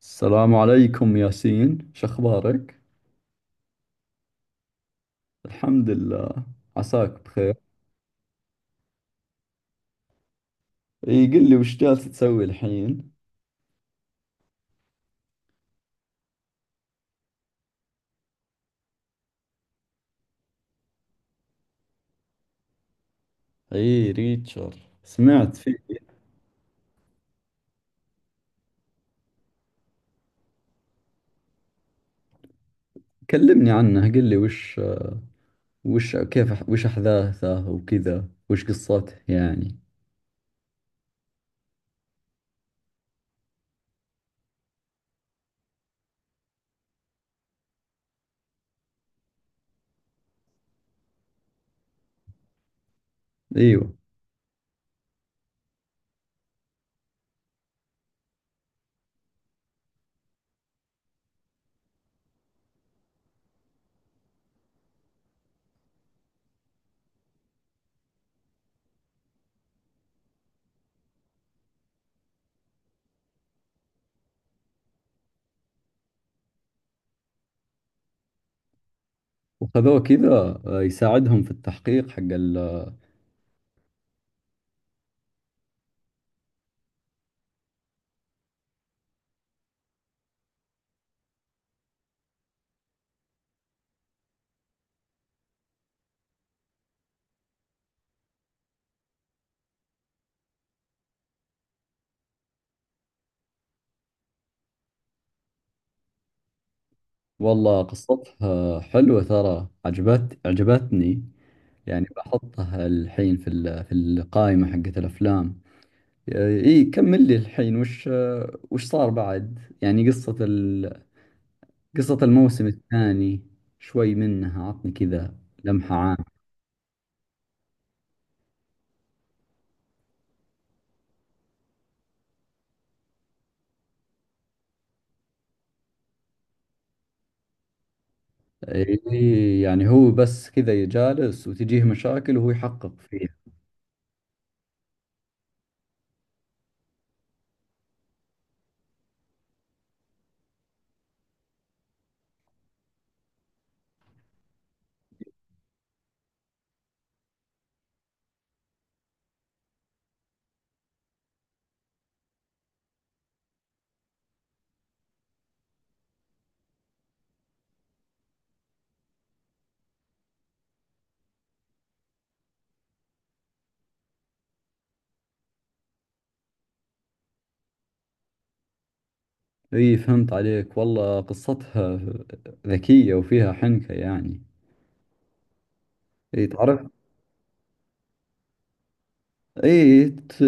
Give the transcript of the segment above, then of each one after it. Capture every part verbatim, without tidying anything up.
السلام عليكم ياسين، شخبارك؟ الحمد لله، عساك بخير. اي قل لي وش جالس تسوي الحين؟ اي ريتشر، سمعت فيه. كلمني عنه، قل لي وش وش كيف، وش احداثه وكذا، وش قصته يعني. ايوه، وخذوه كذا. آه، يساعدهم في التحقيق حق ال... والله قصتها حلوة ترى، عجبت عجبتني يعني بحطها الحين في ال... في القائمة حقت الافلام. اي كمل لي الحين، وش وش صار بعد، يعني قصة ال... قصة الموسم الثاني. شوي منها عطني كذا، لمحة عامة. اي يعني هو بس كذا جالس وتجيه مشاكل وهو يحقق فيها. اي فهمت عليك، والله قصتها ذكية وفيها حنكة يعني. اي تعرف، اي ت-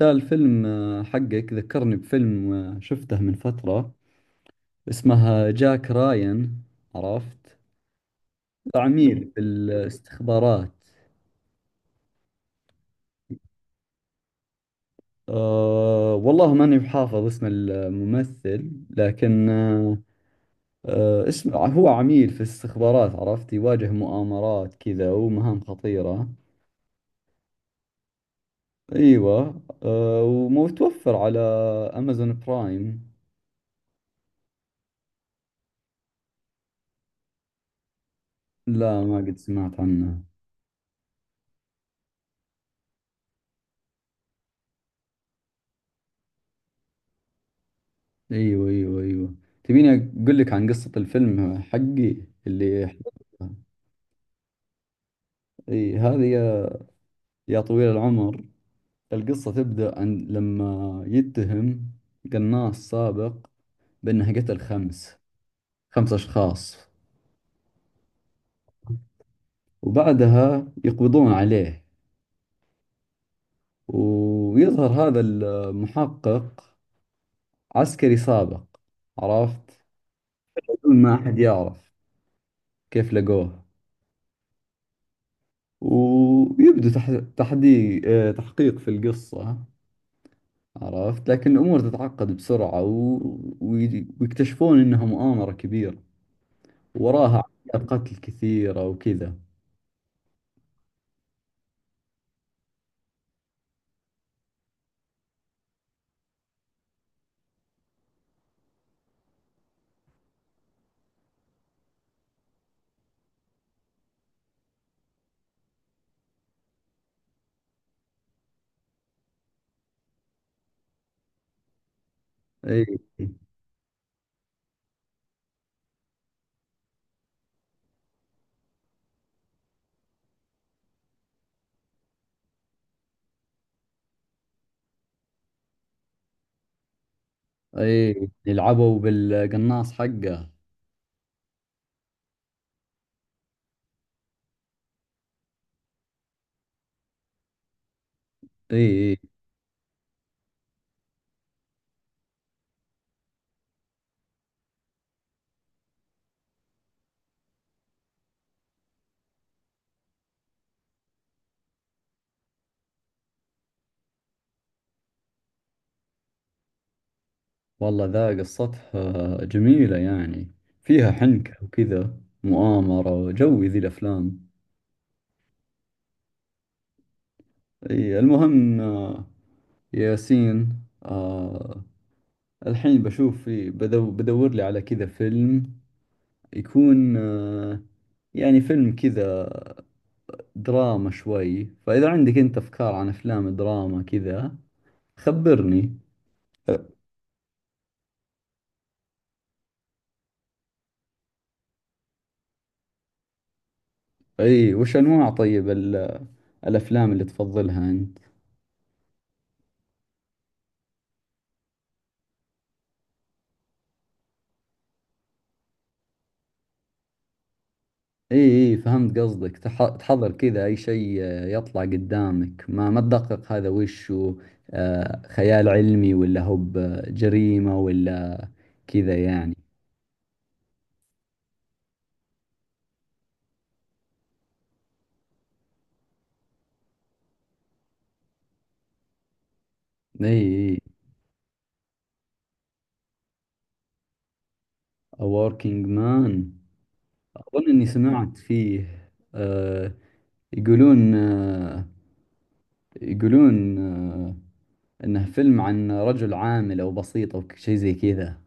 ذا الفيلم، آه، حقك، ذكرني بفيلم آه، شفته من فترة، اسمها جاك راين، عرفت؟ عميل بالاستخبارات. أه والله ماني بحافظ اسم الممثل، لكن أه، آه، اسم، هو عميل في الاستخبارات، عرفت، يواجه مؤامرات كذا ومهام خطيرة. ايوه أه، ومتوفر على امازون برايم. لا ما قد سمعت عنه. ايوه ايوه ايوه، تبيني اقول لك عن قصة الفيلم حقي اللي حضرته؟ اي هذه يا يا طويل العمر، القصة تبدأ عن لما يتهم قناص سابق بأنه قتل خمس خمس أشخاص، وبعدها يقبضون عليه، ويظهر هذا المحقق، عسكري سابق، عرفت، بدون ما أحد يعرف كيف لقوه. ويبدو تح... تحدي... آه، تحقيق في القصة، عرفت، لكن الأمور تتعقد بسرعة و... وي- ويكتشفون إنها مؤامرة كبيرة وراها عمليات قتل كثيرة وكذا. اي اي، يلعبوا بالقناص حقه. اي اي، والله ذا قصتها جميلة يعني، فيها حنكة وكذا، مؤامرة، وجوي ذي الأفلام. اي المهم آه، ياسين، آه الحين بشوف، في بدو بدور لي على كذا فيلم، يكون آه، يعني فيلم كذا دراما شوي، فإذا عندك أنت أفكار عن أفلام دراما كذا خبرني. اي وش انواع طيب الافلام اللي تفضلها انت. اي اي، فهمت قصدك، تح- تحضر كذا اي شيء آه، يطلع قدامك، ما ما تدقق هذا وش هو، آه، خيال علمي ولا هو بجريمة ولا كذا يعني. اي اي، A Working Man، اظن اني سمعت فيه. آه، يقولون آه، يقولون آه، انه فيلم عن رجل عامل او بسيط او شيء زي كذا.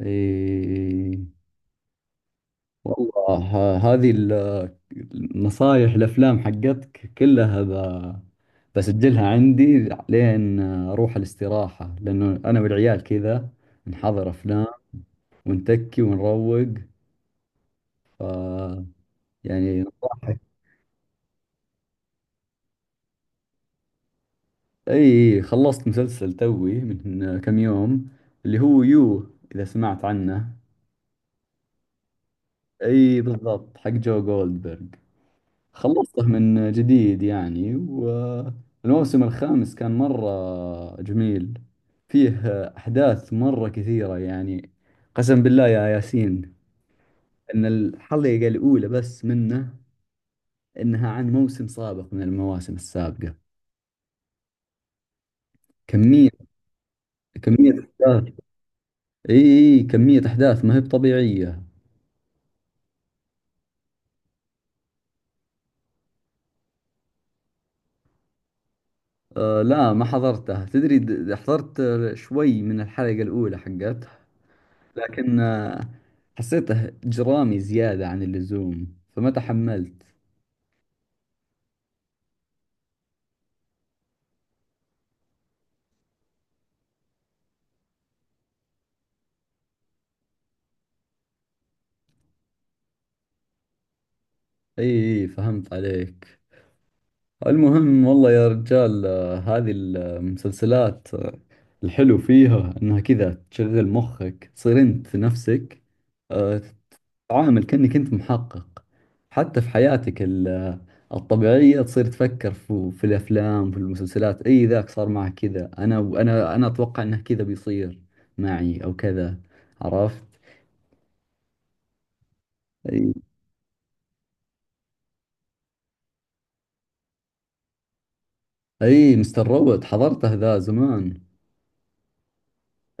اي والله، ه- هذه ال- النصايح الافلام حقتك كلها ب- بسجلها عندي لين اروح الاستراحة، لانه انا والعيال كذا نحضر افلام ونتكي ونروق. ف يعني نصحك. اي خلصت مسلسل توي من كم يوم، اللي هو يو، اذا سمعت عنه. اي بالضبط، حق جو جولدبرغ. خلصته من جديد يعني، والموسم الخامس كان مرة جميل. فيه أحداث مرة كثيرة يعني. قسم بالله يا ياسين، أن الحلقة الأولى بس منه، أنها عن موسم سابق من المواسم السابقة، كمية كمية أحداث. إي إي، كمية أحداث ما هي بطبيعية. أه لا ما حضرتها تدري، د- د- حضرت شوي من الحلقة الأولى حقت، لكن آه، حسيته جرامي زيادة عن اللزوم فما تحملت. اي إي، فهمت عليك. المهم والله يا رجال، آه، هذه المسلسلات، آه، الحلو فيها انها كذا تشغل مخك، تصير انت نفسك آه، تتعامل كأنك انت محقق. حتى في حياتك ال- آه، الطبيعية، تصير تفكر في, في الافلام في المسلسلات، اي ذاك صار معه كذا، انا وانا انا اتوقع انه كذا بيصير معي او كذا، عرفت. اي اي، مستر روبوت حضرته ذا زمان.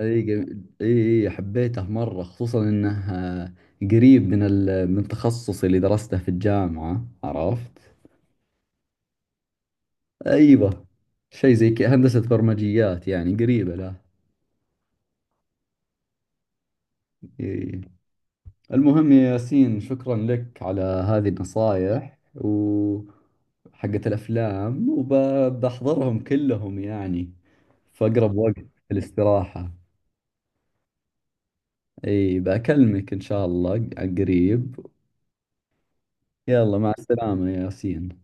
اي جم- اي اي، حبيته مرة، خصوصا انه آه، قريب من ال... من تخصصي اللي درسته في الجامعة، عرفت. ايوه شيء زي كذا، هندسة برمجيات يعني قريبة له. إيه. المهم يا ياسين، شكرا لك على هذه النصائح و حقت الأفلام، وبحضرهم كلهم يعني في أقرب وقت في الاستراحة. اي بكلمك ان شاء الله عن قريب. يلا مع السلامة يا ياسين.